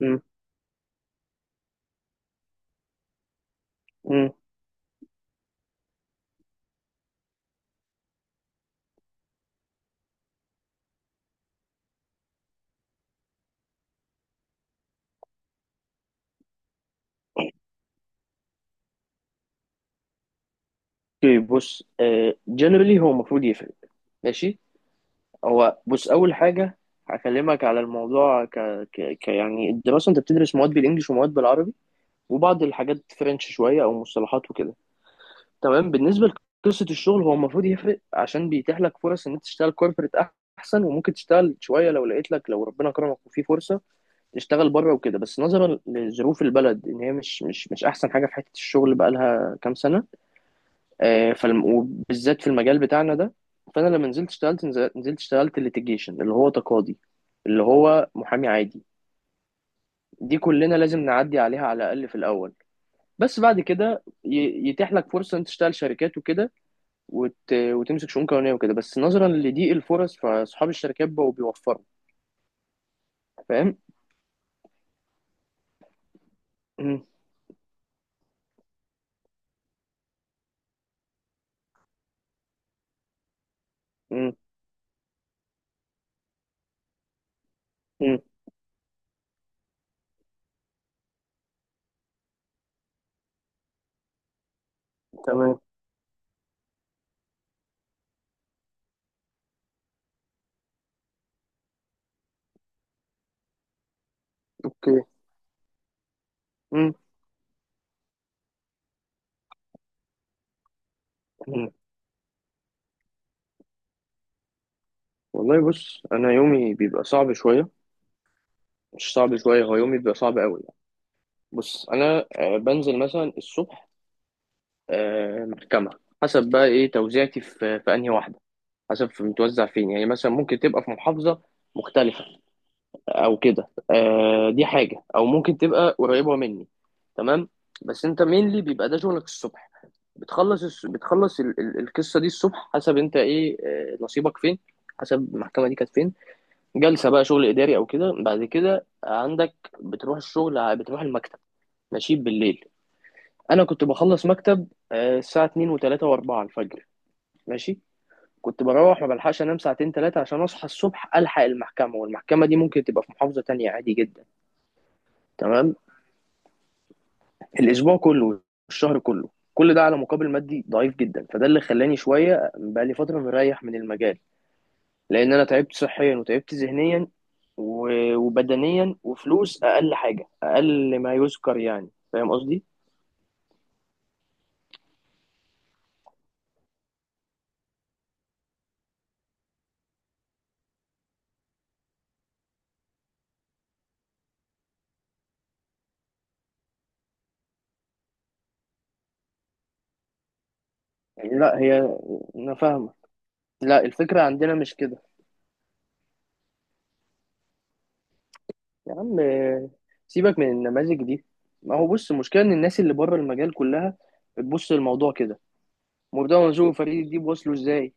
مم. مم. اوكي. بص، جنرالي هو المفروض يفرق. ماشي. هو بص، اول حاجه هكلمك على الموضوع ك... ك... ك يعني الدراسه، انت بتدرس مواد بالانجلش ومواد بالعربي، وبعض الحاجات فرنش شويه او مصطلحات وكده. تمام. بالنسبه لقصه الشغل، هو المفروض يفرق عشان بيتيح لك فرص ان انت تشتغل كوربريت احسن، وممكن تشتغل شويه لو لقيت لك، لو ربنا كرمك وفي فرصه تشتغل بره وكده. بس نظرا لظروف البلد، ان هي مش احسن حاجه في حته الشغل بقالها كام سنه، وبالذات في المجال بتاعنا ده. فانا لما نزلت اشتغلت، نزلت اشتغلت ليتيجيشن اللي هو تقاضي، اللي هو محامي عادي. دي كلنا لازم نعدي عليها على الاقل في الاول. بس بعد كده يتيح لك فرصه انت تشتغل شركات وكده وتمسك شؤون قانونيه وكده. بس نظرا لضيق الفرص، فاصحاب الشركات بقوا بيوفروا. فاهم. م- م- م. تمام. اوكي. م- م. والله بص، انا يومي بيبقى صعب شويه. مش صعب شويه، هو يومي بيبقى صعب قوي. بص، انا بنزل مثلا الصبح محكمه. حسب بقى ايه توزيعتي في انهي واحده، حسب في متوزع فين. يعني مثلا ممكن تبقى في محافظه مختلفه او كده، دي حاجه. او ممكن تبقى قريبه مني. تمام. بس انت مينلي بيبقى ده شغلك الصبح. القصه دي الصبح، حسب انت ايه نصيبك فين، حسب المحكمه دي كانت فين، جلسه بقى شغل اداري او كده. بعد كده عندك بتروح الشغل، بتروح المكتب. ماشي بالليل. انا كنت بخلص مكتب الساعه 2 و3 و4 الفجر. ماشي. كنت بروح ما بلحقش انام ساعتين ثلاثه، عشان اصحى الصبح الحق المحكمه، والمحكمه دي ممكن تبقى في محافظه تانية عادي جدا. تمام. الاسبوع كله الشهر كله، كل ده على مقابل مادي ضعيف جدا. فده اللي خلاني شويه بقى لي فتره مريح من المجال، لان انا تعبت صحيا وتعبت ذهنيا وبدنيا، وفلوس اقل حاجه، اقل ما يذكر. يعني فاهم قصدي؟ يعني لا، هي انا فاهمه. لا، الفكره عندنا مش كده. يا عم سيبك من النماذج دي. ما هو بص، المشكله ان الناس اللي بره المجال كلها بتبص للموضوع كده، وده منظور فريد دي بوصله ازاي.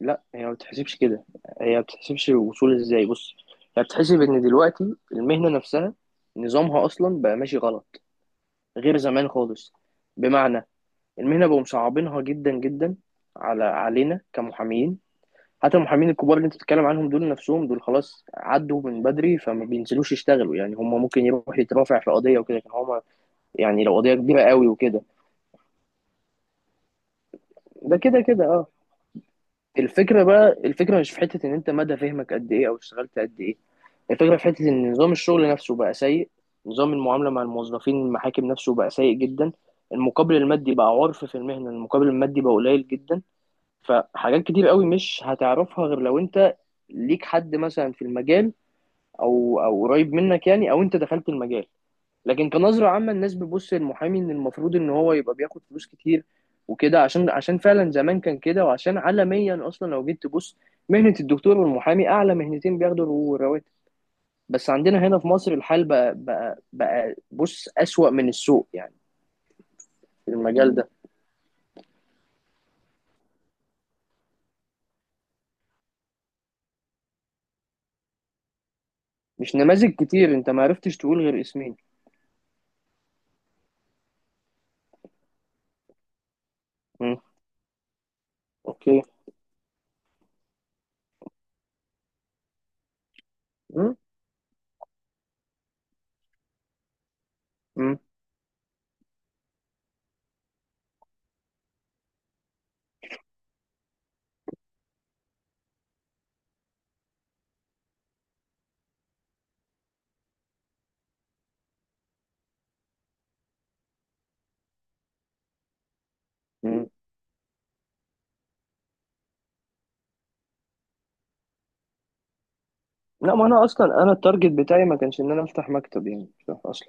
لا هي ما بتحسبش كده، هي ما بتحسبش الوصول ازاي. بص، هي بتحسب ان دلوقتي المهنه نفسها نظامها اصلا بقى ماشي غلط، غير زمان خالص. بمعنى، المهنه بقوا مصعبينها جدا جدا علينا كمحامين. حتى المحامين الكبار اللي انت بتتكلم عنهم دول، نفسهم دول خلاص عدوا من بدري فما بينزلوش يشتغلوا. يعني هم ممكن يروح يترافع في قضية وكده كان، هما يعني لو قضية كبيرة قوي وكده. ده كده كده اه. الفكرة بقى، الفكرة مش في حتة ان انت مدى فهمك قد ايه او اشتغلت قد ايه. الفكرة في حتة ان نظام الشغل نفسه بقى سيء، نظام المعاملة مع الموظفين المحاكم نفسه بقى سيء جدا، المقابل المادي بقى عرف في المهنة، المقابل المادي بقى قليل جدا. فحاجات كتير قوي مش هتعرفها غير لو انت ليك حد مثلا في المجال، او قريب منك يعني، او انت دخلت المجال. لكن كنظره عامه الناس بتبص للمحامي ان المفروض ان هو يبقى بياخد فلوس كتير وكده، عشان فعلا زمان كان كده، وعشان عالميا اصلا لو جيت تبص، مهنه الدكتور والمحامي اعلى مهنتين بياخدوا الرواتب. بس عندنا هنا في مصر الحال بقى بص اسوأ من السوق يعني، في المجال ده. مش نماذج كتير، انت ما عرفتش تقول غير اسمين. مم. اوكي. مم. مم. مم. لا، ما انا اصلا انا التارجت بتاعي ما كانش ان انا افتح مكتب يعني اصلا.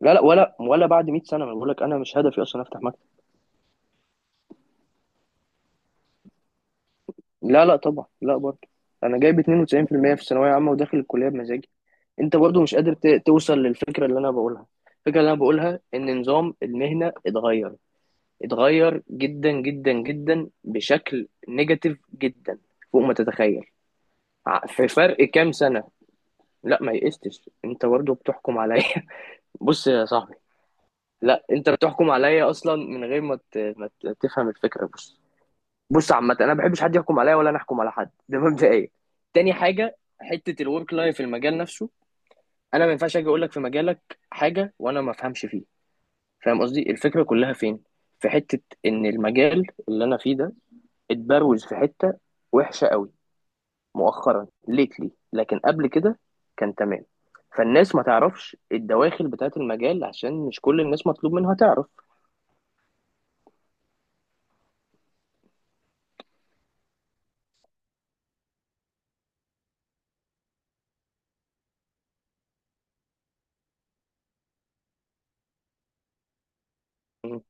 لا لا، ولا بعد 100 سنة ما بقول لك، انا مش هدفي اصلا افتح مكتب. لا لا طبعا، لا برضه. انا جايب 92% في المية في الثانوية عامة، وداخل الكلية بمزاجي. انت برضه مش قادر توصل للفكرة اللي انا بقولها. الفكرة اللي انا بقولها ان نظام المهنة اتغير، اتغير جدا جدا جدا بشكل نيجاتيف جدا، فوق ما تتخيل. في فرق كام سنة. لا ما يقستش، انت برضه بتحكم عليا. بص يا صاحبي، لا انت بتحكم عليا اصلا من غير ما تفهم الفكرة. بص، بص عامة، انا ما بحبش حد يحكم عليا، ولا انا احكم على حد، ده مبدئيا. تاني حاجة، حتة الورك لايف في المجال نفسه، انا ما ينفعش اجي اقول لك في مجالك حاجة وانا ما افهمش فيه. فاهم قصدي؟ الفكرة كلها فين؟ في حتة ان المجال اللي انا فيه ده اتبروز في حتة وحشة قوي مؤخرا ليتلي، لكن قبل كده كان تمام. فالناس ما تعرفش الدواخل بتاعت المجال عشان مش كل الناس مطلوب منها تعرف. م-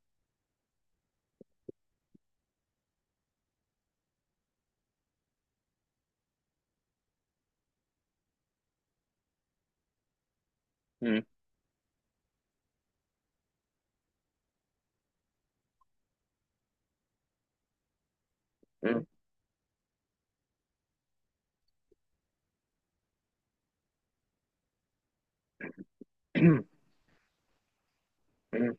م- م- م-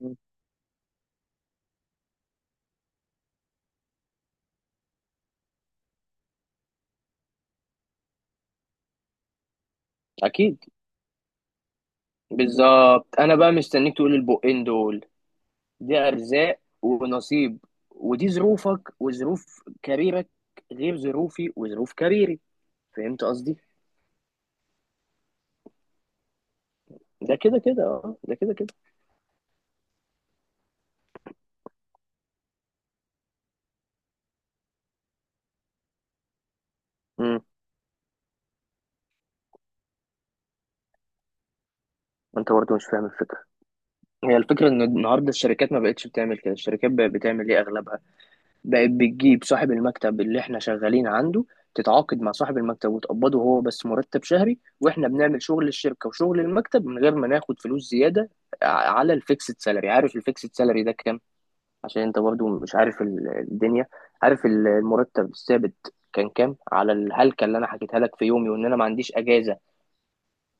م- اكيد. بالظبط. انا بقى مستنيك تقول البقين دول. دي ارزاق ونصيب، ودي ظروفك وظروف كاريرك، غير ظروفي وظروف كاريري. فهمت قصدي. ده كده كده اه، ده كده كده. امم. انت برضه مش فاهم الفكره. هي الفكره ان النهارده الشركات ما بقتش بتعمل كده. الشركات بقت بتعمل ايه اغلبها؟ بقت بتجيب صاحب المكتب اللي احنا شغالين عنده، تتعاقد مع صاحب المكتب وتقبضه هو بس مرتب شهري، واحنا بنعمل شغل الشركة وشغل المكتب من غير ما ناخد فلوس زيادة، على الفيكسد سالري. عارف الفيكسد سالري ده كام؟ عشان انت برضو مش عارف الدنيا. عارف المرتب الثابت كان كام على الهلكة اللي انا حكيتها لك في يومي، وان انا ما عنديش اجازة.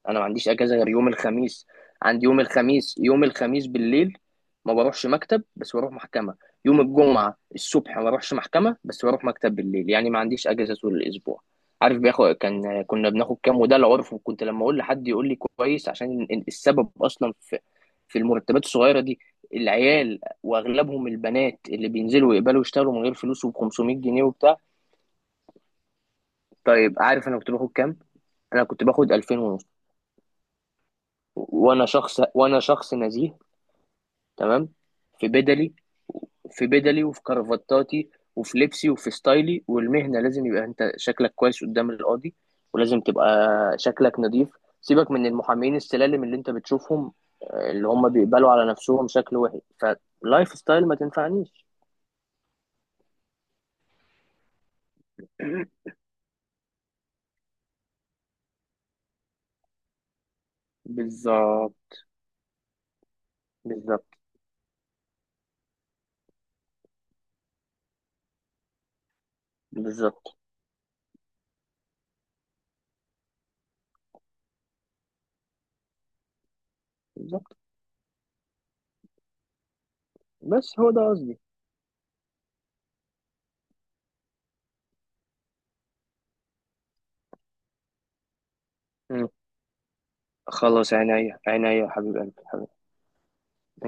انا ما عنديش اجازه غير يوم الخميس، عندي يوم الخميس. يوم الخميس بالليل ما بروحش مكتب بس بروح محكمه، يوم الجمعه الصبح ما بروحش محكمه بس بروح مكتب بالليل. يعني ما عنديش اجازه طول الاسبوع. عارف بياخد كان كنا بناخد كام؟ وده العرف. وكنت لما اقول لحد يقول لي كويس، عشان السبب اصلا في المرتبات الصغيره دي، العيال واغلبهم البنات اللي بينزلوا يقبلوا يشتغلوا من غير فلوس وب 500 جنيه وبتاع. طيب عارف انا كنت باخد كام؟ انا كنت باخد 2000 ونص. وانا شخص، وانا شخص نزيه، تمام، في بدلي، في بدلي وفي كرافتاتي وفي لبسي وفي ستايلي، والمهنة لازم يبقى انت شكلك كويس قدام القاضي، ولازم تبقى شكلك نظيف. سيبك من المحامين السلالم اللي انت بتشوفهم، اللي هم بيقبلوا على نفسهم شكل وحش. فلايف ستايل ما تنفعنيش. بالظبط. بالظبط. بالظبط. بالظبط. بس هو ده قصدي. مم. خلاص، عينيا عينيا يا حبيب قلبي حبيبي.